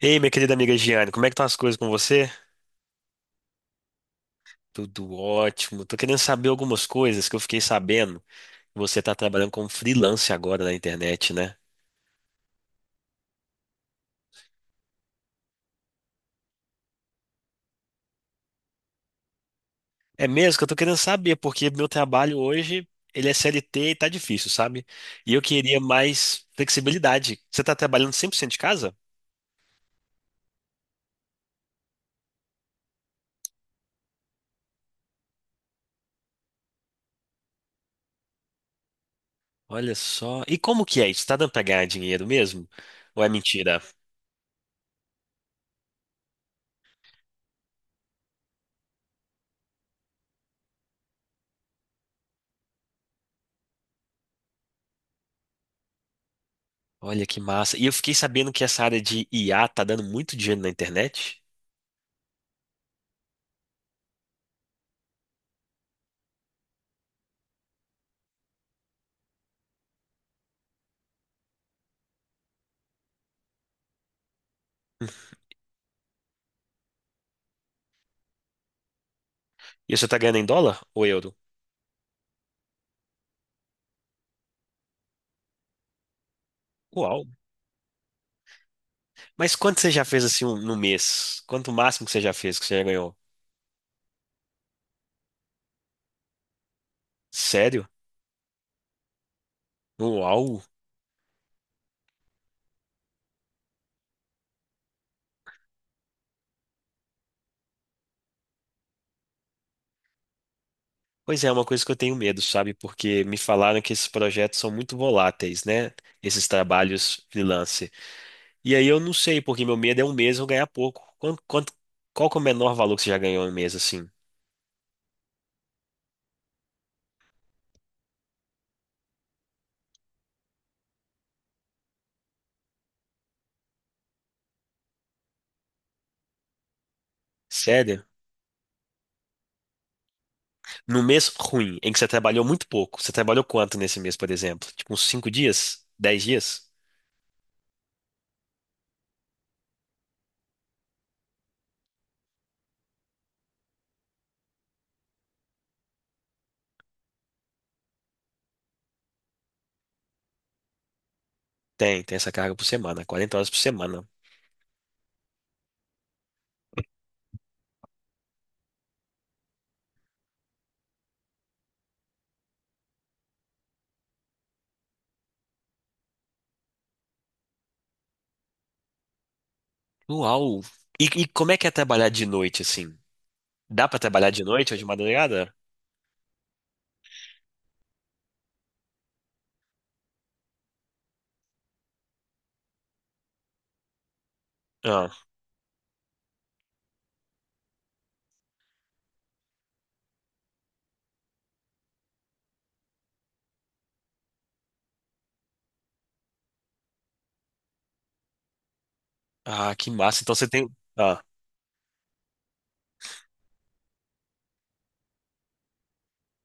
Ei, minha querida amiga Giane, como é que estão as coisas com você? Tudo ótimo. Tô querendo saber algumas coisas que eu fiquei sabendo. Você tá trabalhando como freelance agora na internet, né? É mesmo que eu tô querendo saber, porque meu trabalho hoje, ele é CLT e tá difícil, sabe? E eu queria mais flexibilidade. Você tá trabalhando 100% de casa? Olha só. E como que é isso? Tá dando pra ganhar dinheiro mesmo? Ou é mentira? Olha que massa. E eu fiquei sabendo que essa área de IA tá dando muito dinheiro na internet. E você tá ganhando em dólar ou euro? Uau. Mas quanto você já fez assim no mês? Quanto o máximo que você já fez, que você já ganhou? Sério? Uau. Pois é, é uma coisa que eu tenho medo, sabe? Porque me falaram que esses projetos são muito voláteis, né? Esses trabalhos freelance. E aí eu não sei, porque meu medo é um mês eu ganhar pouco. Quanto, qual que é o menor valor que você já ganhou em um mês assim? Sério? No mês ruim, em que você trabalhou muito pouco. Você trabalhou quanto nesse mês, por exemplo? Tipo uns 5 dias? 10 dias? Tem essa carga por semana, quarenta horas por semana. Uau! E como é que é trabalhar de noite, assim? Dá pra trabalhar de noite ou de madrugada? Ah, ah, que massa. Então você tem. Ah,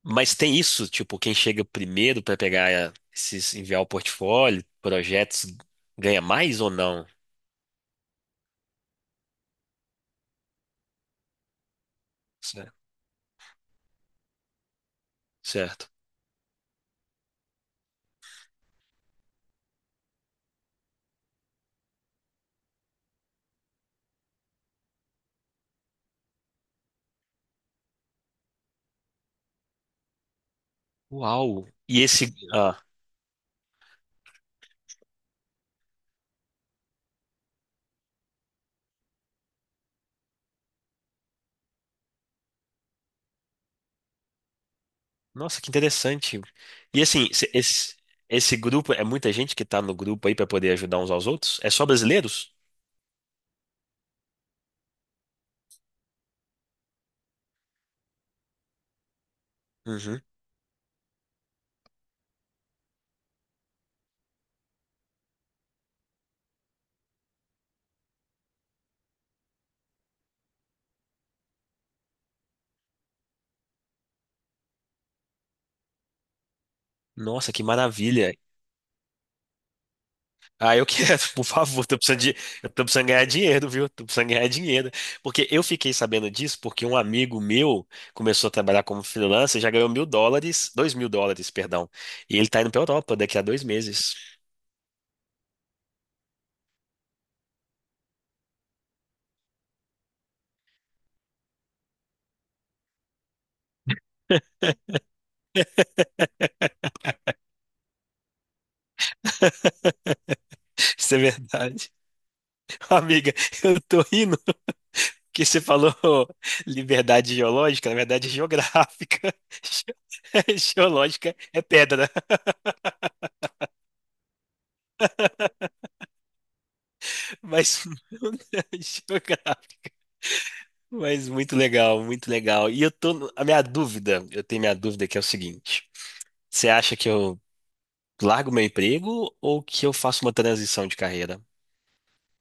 mas tem isso, tipo, quem chega primeiro pra pegar esses, enviar o portfólio, projetos, ganha mais ou não? Certo. Certo. Uau! E esse. Ah, nossa, que interessante. E assim, esse, esse grupo, é muita gente que tá no grupo aí pra poder ajudar uns aos outros? É só brasileiros? Uhum. Nossa, que maravilha! Ah, eu quero, por favor, eu tô precisando ganhar dinheiro, viu? Tô precisando ganhar dinheiro. Porque eu fiquei sabendo disso porque um amigo meu começou a trabalhar como freelancer, já ganhou mil dólares, dois mil dólares, perdão. E ele tá indo pra Europa daqui a dois meses. Isso é verdade. Amiga, eu tô rindo porque você falou liberdade geológica, na verdade é geográfica. Geológica é pedra. Mas geográfica. Mas muito legal, muito legal. E eu tô. No- A minha dúvida, eu tenho minha dúvida que é o seguinte: você acha que eu largo meu emprego ou que eu faço uma transição de carreira?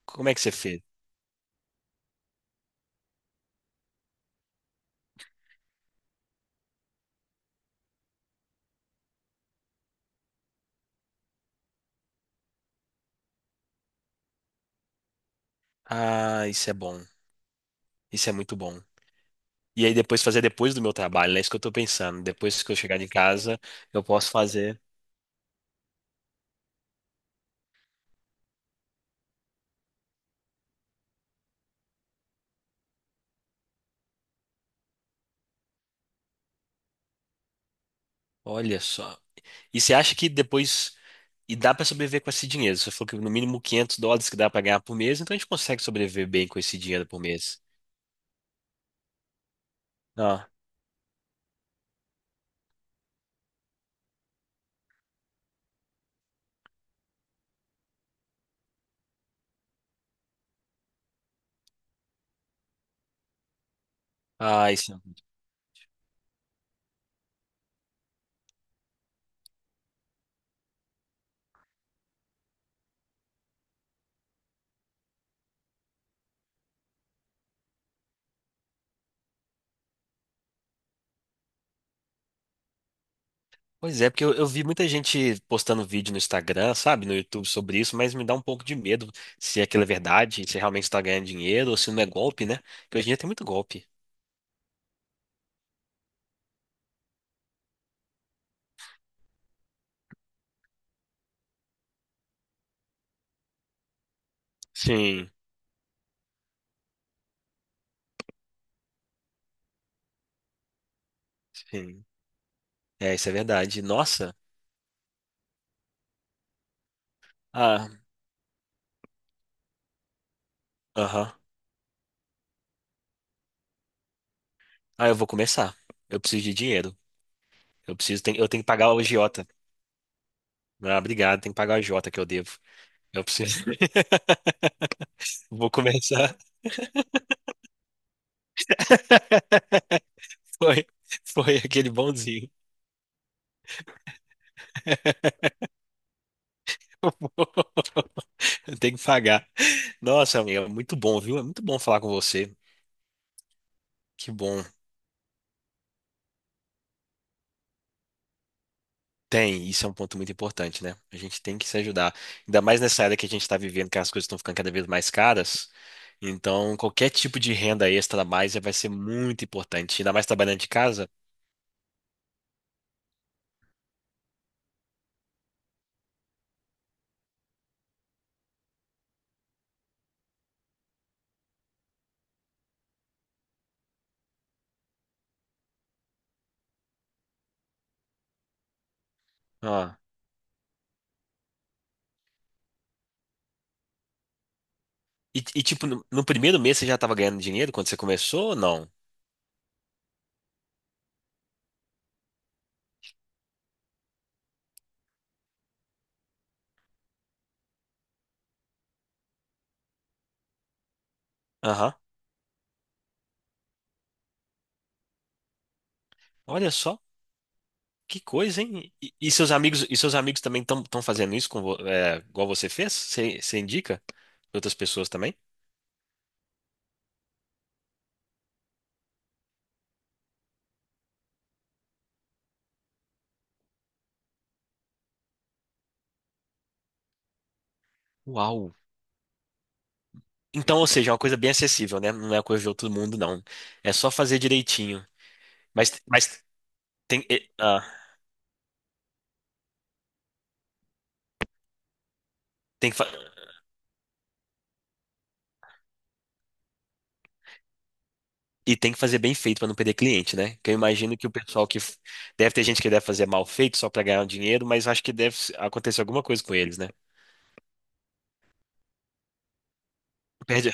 Como é que você fez? Ah, isso é bom. Isso é muito bom. E aí depois fazer depois do meu trabalho, né? É isso que eu tô pensando. Depois que eu chegar de casa, eu posso fazer. Olha só. E você acha que depois. E dá pra sobreviver com esse dinheiro? Você falou que no mínimo 500 dólares que dá pra ganhar por mês, então a gente consegue sobreviver bem com esse dinheiro por mês. Ah, ah, isso. Pois é, porque eu vi muita gente postando vídeo no Instagram, sabe, no YouTube sobre isso, mas me dá um pouco de medo se aquilo é verdade, se realmente está ganhando dinheiro ou se não é golpe, né? Porque hoje em dia tem muito golpe. Sim, sim. É, isso é verdade. Nossa. Ah, aham. Ah, eu vou começar. Eu preciso de dinheiro. Eu preciso, eu tenho que pagar o agiota. Ah, obrigado, tenho que pagar o agiota que eu devo. Eu preciso. Vou começar. Foi, foi aquele bonzinho. Eu tenho que pagar. Nossa, amiga, muito bom, viu? É muito bom falar com você. Que bom. Tem, isso é um ponto muito importante, né? A gente tem que se ajudar. Ainda mais nessa era que a gente está vivendo, que as coisas estão ficando cada vez mais caras. Então, qualquer tipo de renda extra a mais vai ser muito importante. Ainda mais trabalhando de casa. Ah. No primeiro mês você já estava ganhando dinheiro quando você começou ou não? Aham. Olha só, que coisa, hein? E seus amigos, e seus amigos também estão fazendo isso com, igual você fez? Você indica pra outras pessoas também? Uau! Então, ou seja, é uma coisa bem acessível, né? Não é coisa de outro mundo, não. É só fazer direitinho. Mas tem, e, ah, tem que, fa- e tem que fazer bem feito para não perder cliente, né? Que eu imagino que o pessoal deve ter gente que deve fazer mal feito só para ganhar um dinheiro, mas acho que acontecer alguma coisa com eles, né? Perde-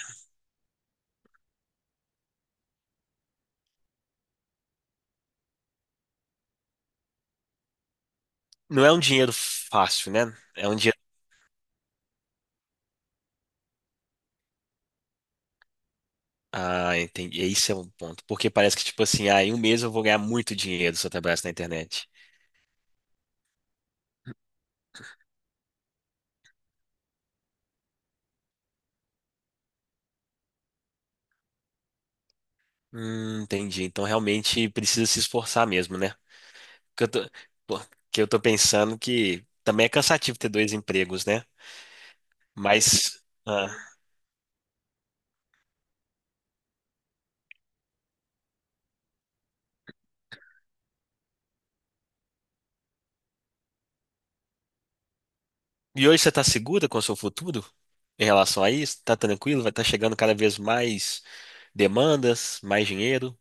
Não é um dinheiro fácil, né? É um dinheiro. Ah, entendi. Esse é um ponto. Porque parece que, tipo assim, ah, em um mês eu vou ganhar muito dinheiro se eu trabalhasse na internet. Entendi. Então realmente precisa se esforçar mesmo, né? que eu tô, pô, que eu tô pensando que também é cansativo ter dois empregos, né? Mas. ah, E hoje você tá segura com o seu futuro em relação a isso? Tá tranquilo? Vai estar chegando cada vez mais demandas, mais dinheiro?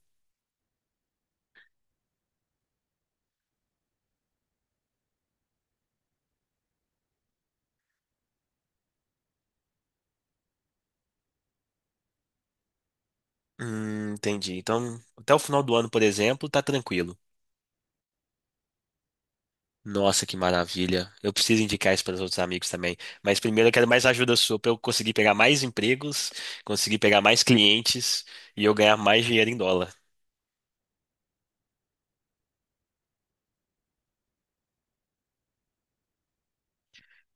Entendi. Então, até o final do ano, por exemplo, tá tranquilo. Nossa, que maravilha. Eu preciso indicar isso para os outros amigos também. Mas primeiro eu quero mais ajuda sua para eu conseguir pegar mais empregos, conseguir pegar mais clientes e eu ganhar mais dinheiro em dólar.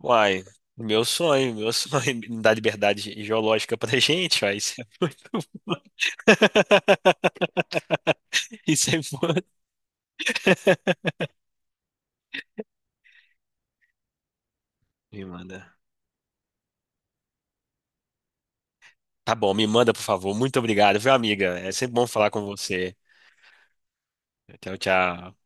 Uai, meu sonho, me dar liberdade geológica pra gente, uai, isso é muito bom. Isso é bom. Me manda. Tá bom, me manda, por favor. Muito obrigado, viu, amiga? É sempre bom falar com você. Tchau, tchau.